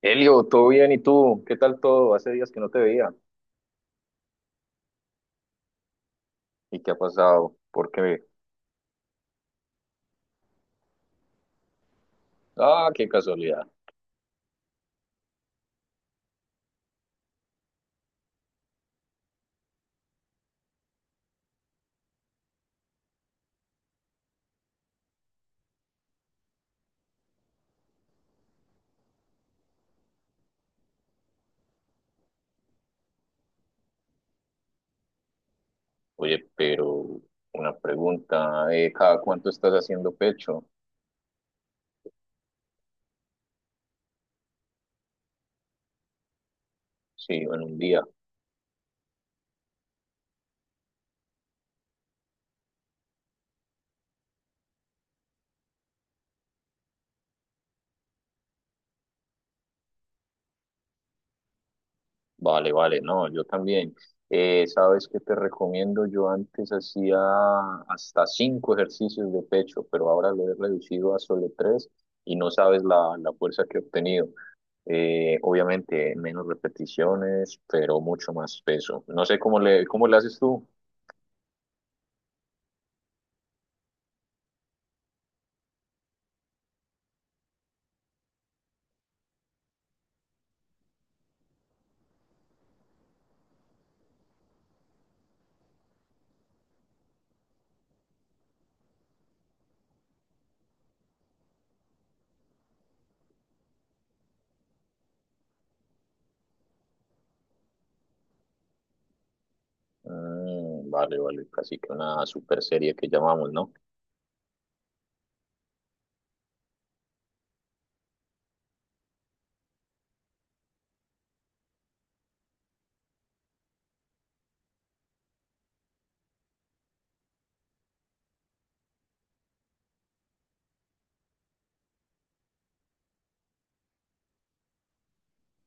Elio, ¿todo bien? ¿Y tú? ¿Qué tal todo? Hace días que no te veía. ¿Y qué ha pasado? ¿Por qué? Ah, qué casualidad. Oye, pero una pregunta, ¿cada cuánto estás haciendo pecho? Sí, en un día. Vale, vale, no, yo también. ¿Sabes qué te recomiendo? Yo antes hacía hasta cinco ejercicios de pecho, pero ahora lo he reducido a solo tres y no sabes la fuerza que he obtenido. Obviamente, menos repeticiones, pero mucho más peso. No sé cómo le haces tú. Mm, vale, vale, casi que una super serie que llamamos, ¿no?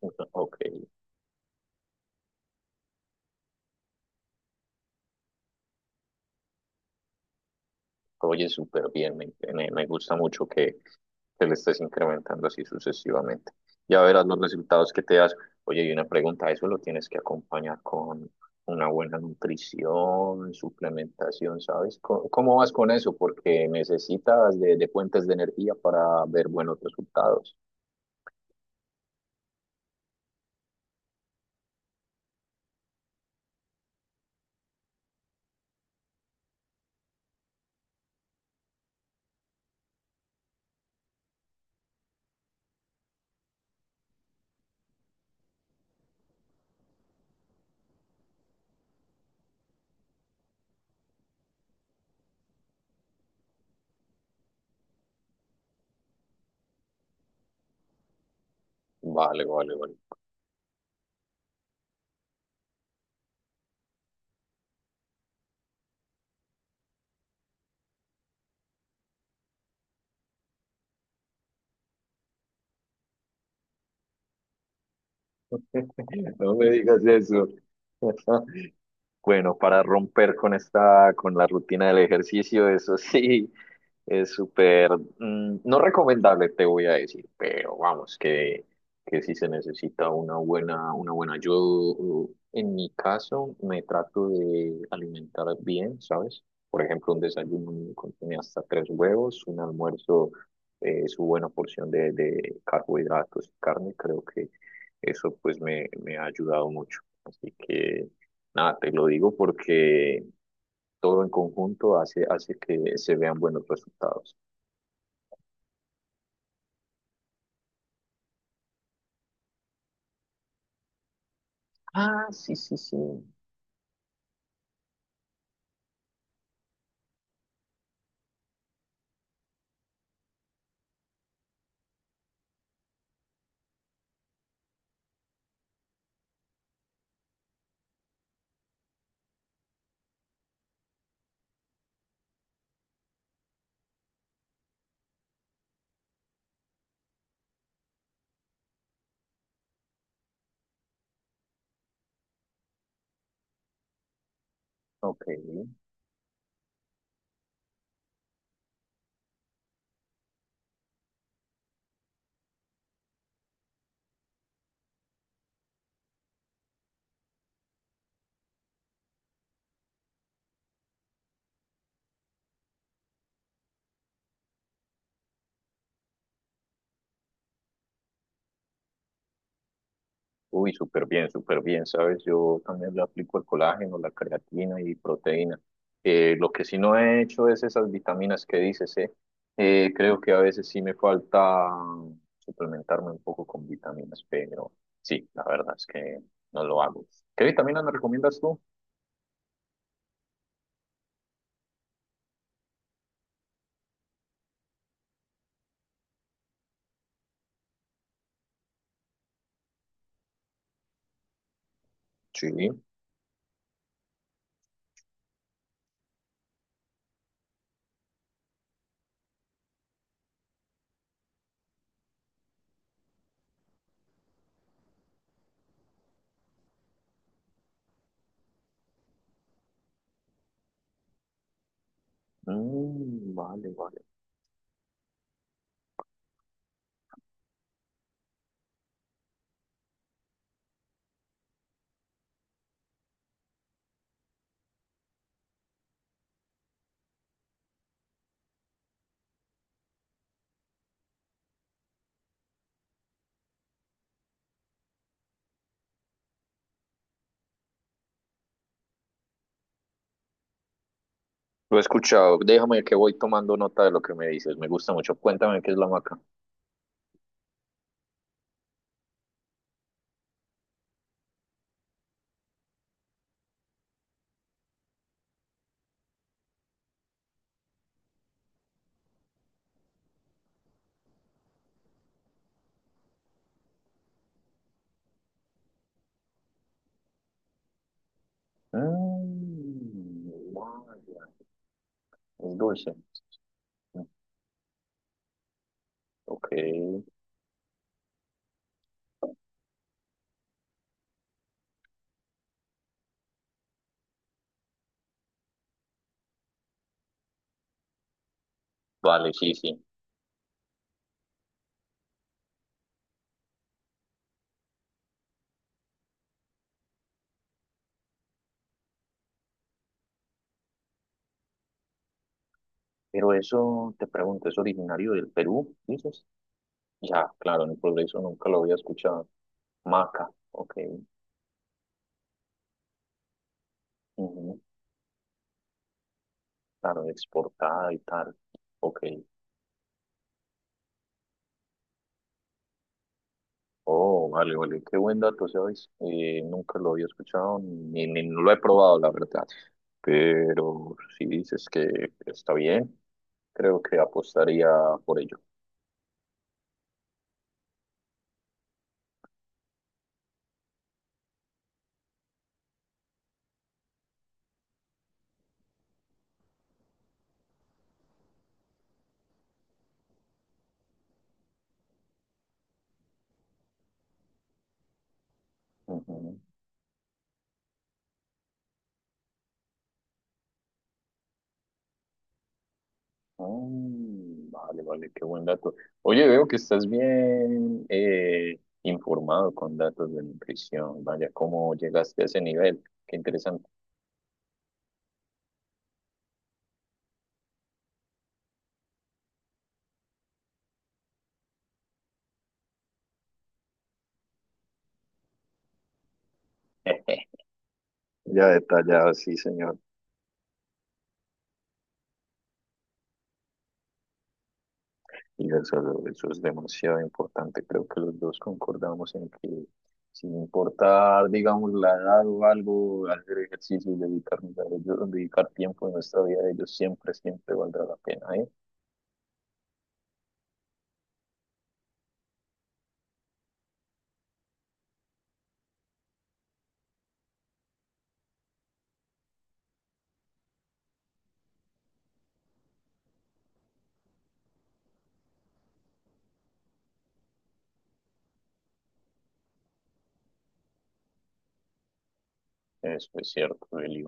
Ok, oye, súper bien, me gusta mucho que le estés incrementando así sucesivamente. Ya verás los resultados que te das. Oye, y una pregunta, eso lo tienes que acompañar con una buena nutrición, suplementación, ¿sabes? ¿Cómo vas con eso? Porque necesitas de fuentes de energía para ver buenos resultados. Vale, vale, vale. No me digas eso. Bueno, para romper con con la rutina del ejercicio, eso sí, es súper, mm, no recomendable, te voy a decir, pero vamos, que si se necesita una buena, una buena. Yo, en mi caso, me trato de alimentar bien, ¿sabes? Por ejemplo, un desayuno contiene hasta tres huevos, un almuerzo, su buena porción de carbohidratos y carne, creo que eso pues me ha ayudado mucho. Así que, nada, te lo digo porque todo en conjunto hace que se vean buenos resultados. Ah, sí, sí, sí. Ok. Uy, súper bien, ¿sabes? Yo también le aplico el colágeno, la creatina y proteína. Lo que sí no he hecho es esas vitaminas que dices, ¿eh? ¿Eh? Creo que a veces sí me falta suplementarme un poco con vitaminas, pero sí, la verdad es que no lo hago. ¿Qué vitaminas me recomiendas tú? Sí. Mm, vale, vale. Lo he escuchado. Déjame que voy tomando nota de lo que me dices. Me gusta mucho. Cuéntame qué es la maca. Mm, vaya, es dulce. Mm, ok, vale, sí, sí. Pero eso, te pregunto, ¿es originario del Perú, dices? Ya, claro, en el progreso nunca lo había escuchado. Maca, ok. Ujú, claro, exportada y tal. Ok. Oh, vale, vale. Qué buen dato, ¿sabes? Nunca lo había escuchado ni lo he probado, la verdad. Pero si dices que está bien, creo que apostaría por ello. Mm, vale, vale, qué buen dato. Oye, veo que estás bien informado con datos de nutrición. Vaya, ¿cómo llegaste a ese nivel? Qué interesante. Ya detallado, sí, señor. Y eso es demasiado importante. Creo que los dos concordamos en que sin importar, digamos, la edad o algo, hacer ejercicio y dedicarnos a ellos, dedicar tiempo de nuestra vida a ellos siempre, siempre valdrá la pena, ¿eh? Eso es cierto, Eli.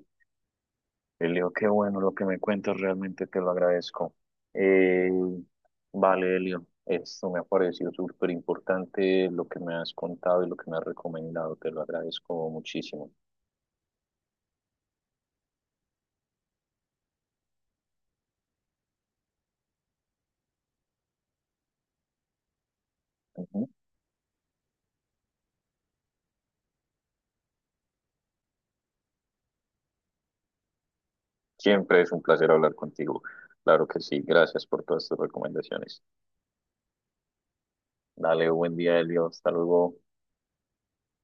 Elio, qué bueno lo que me cuentas, realmente te lo agradezco. Eh, vale, Elio, esto me ha parecido súper importante lo que me has contado y lo que me has recomendado, te lo agradezco muchísimo. Ujú. Siempre es un placer hablar contigo, claro que sí, gracias por todas tus recomendaciones. Dale, buen día, Elio, hasta luego.